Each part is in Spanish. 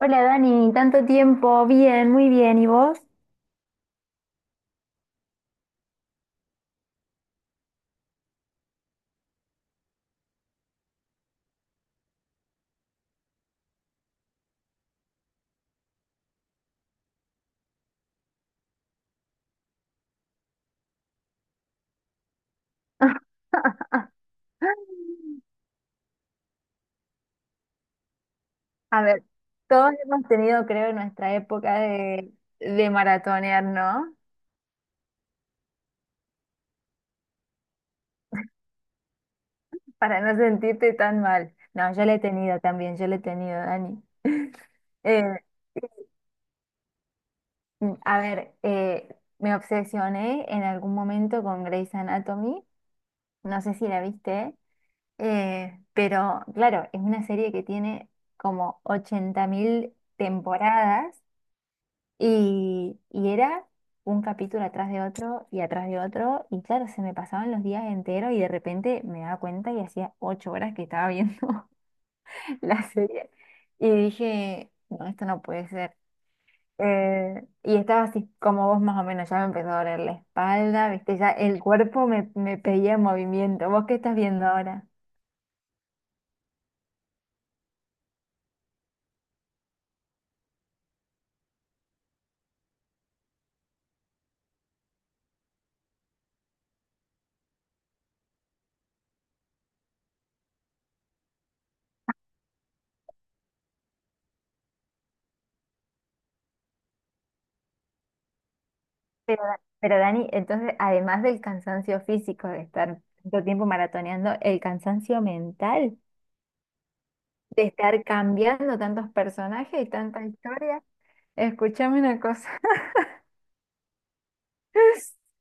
Hola Dani, tanto tiempo, bien, muy bien, ¿y vos? A ver, todos hemos tenido, creo, nuestra época de maratonear, ¿no? Para no sentirte tan mal. No, yo la he tenido también, yo la he tenido, Dani. Eh, a ver, me obsesioné en algún momento con Grey's Anatomy, no sé si la viste, pero claro, es una serie que tiene como 80.000 temporadas. Y era un capítulo atrás de otro y atrás de otro. Y claro, se me pasaban los días enteros y de repente me daba cuenta y hacía 8 horas que estaba viendo la serie. Y dije, no, esto no puede ser. Y estaba así como vos más o menos, ya me empezó a doler la espalda, viste, ya el cuerpo me, pedía movimiento. ¿Vos qué estás viendo ahora? Pero Dani, entonces, además del cansancio físico de estar tanto tiempo maratoneando, el cansancio mental, de estar cambiando tantos personajes y tanta historia. Escúchame una cosa.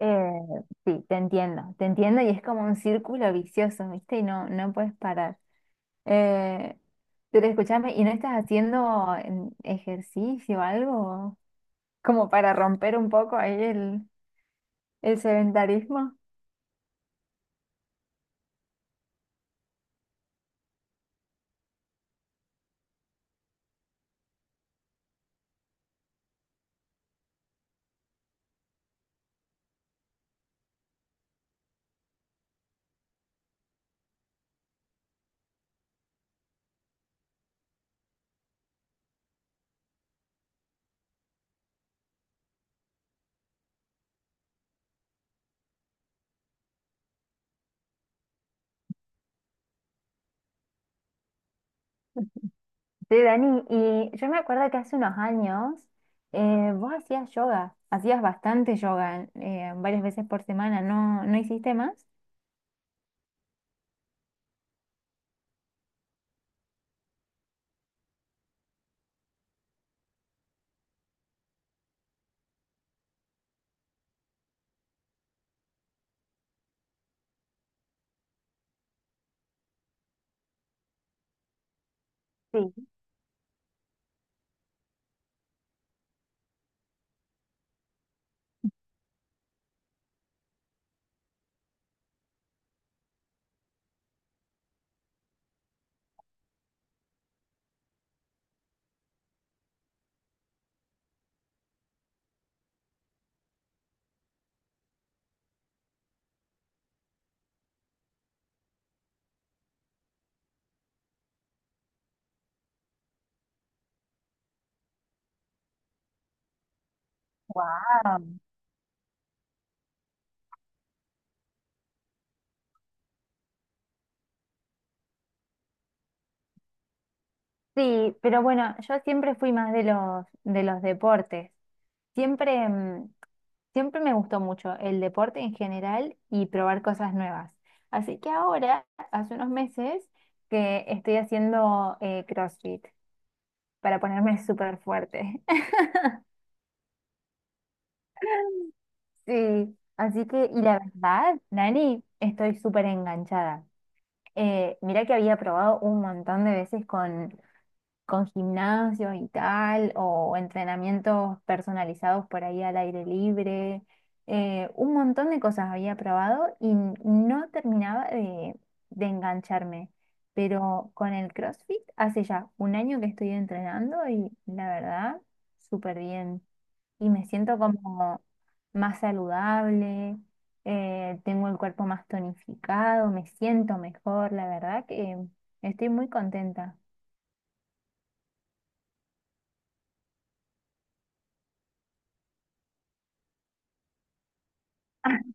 Eh, sí, te entiendo y es como un círculo vicioso, ¿viste? Y no, no puedes parar. Eh, pero escúchame, ¿y no estás haciendo ejercicio o algo como para romper un poco ahí el, sedentarismo? Sí, Dani, y yo me acuerdo que hace unos años vos hacías yoga, hacías bastante yoga varias veces por semana, ¿no, no hiciste más? Sí. Wow. Sí, pero bueno, yo siempre fui más de los deportes. Siempre, mm, siempre me gustó mucho el deporte en general y probar cosas nuevas. Así que ahora, hace unos meses, que estoy haciendo CrossFit para ponerme súper fuerte. Sí, así que, y la verdad, Nani, estoy súper enganchada. Mirá que había probado un montón de veces con gimnasio y tal, o entrenamientos personalizados por ahí al aire libre. Un montón de cosas había probado y no terminaba de, engancharme. Pero con el CrossFit hace ya un año que estoy entrenando y la verdad, súper bien. Y me siento como más saludable, tengo el cuerpo más tonificado, me siento mejor, la verdad que estoy muy contenta.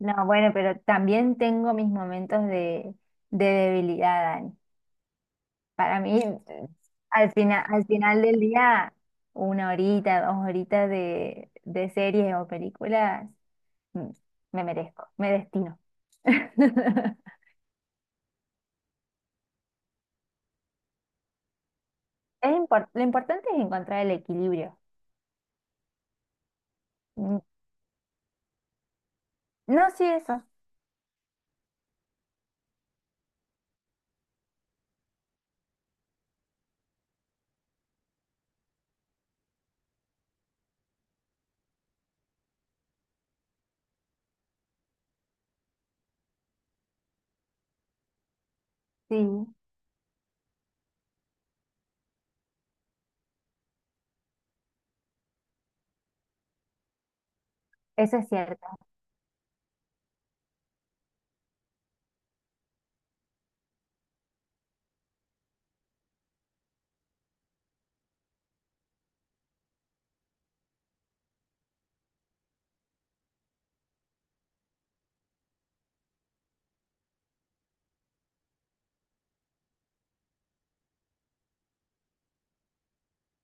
No, bueno, pero también tengo mis momentos de, debilidad, Dani. Para mí, al final del día, una horita, dos horitas de series o películas, mm, me merezco, me destino. Lo importante es encontrar el equilibrio. Mm. No, sí, eso es cierto.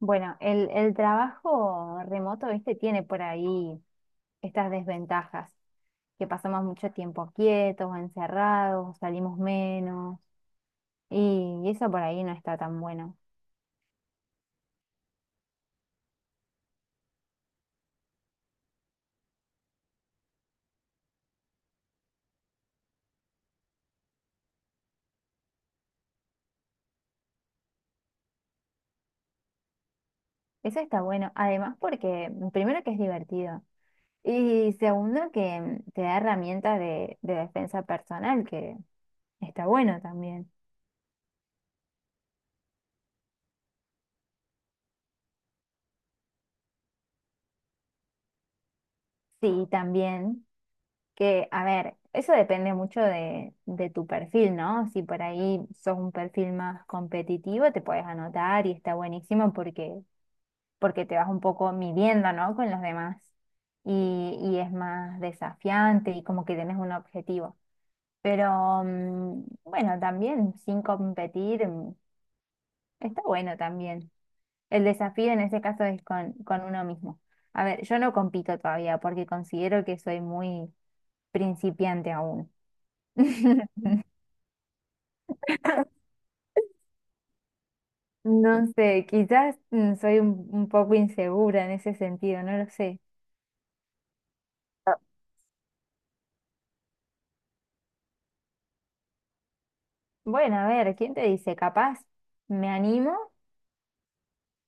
Bueno, el trabajo remoto, viste, tiene por ahí estas desventajas, que pasamos mucho tiempo quietos o encerrados, salimos menos, y eso por ahí no está tan bueno. Eso está bueno, además porque primero que es divertido y segundo que te da herramientas de, defensa personal, que está bueno también. Sí, también que, a ver, eso depende mucho de tu perfil, ¿no? Si por ahí sos un perfil más competitivo, te puedes anotar y está buenísimo porque te vas un poco midiendo, ¿no? Con los demás y, es más desafiante y como que tienes un objetivo. Pero bueno, también sin competir está bueno también. El desafío en ese caso es con, uno mismo. A ver, yo no compito todavía porque considero que soy muy principiante aún. No sé, quizás soy un, poco insegura en ese sentido, no lo sé. Bueno, a ver, ¿quién te dice? Capaz me animo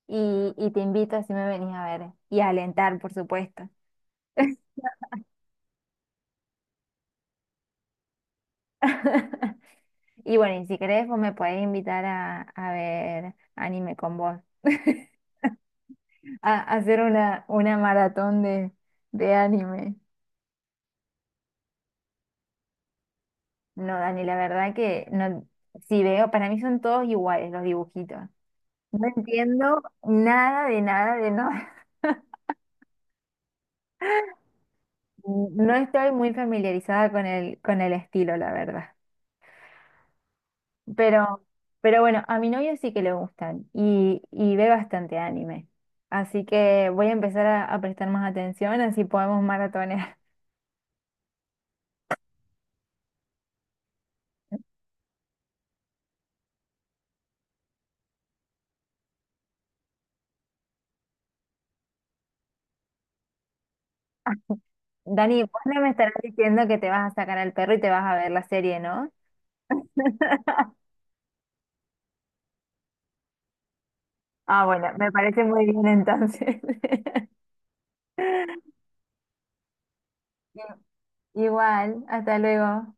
y te invito si me venís a ver y a alentar, por supuesto. Y bueno, y si querés, vos me podés invitar a, ver anime con vos, A hacer una, maratón de anime. No, Dani, la verdad que no, si veo, para mí son todos iguales los dibujitos. No entiendo nada de nada de nada. No estoy muy familiarizada con el, estilo, la verdad. Pero, pero bueno, a mi novio sí que le gustan y, ve bastante anime. Así que voy a empezar a prestar más atención, así podemos maratonear. Dani, vos no me estarás diciendo que te vas a sacar al perro y te vas a ver la serie, ¿no? Ah, bueno, me parece muy bien entonces. Igual, hasta luego.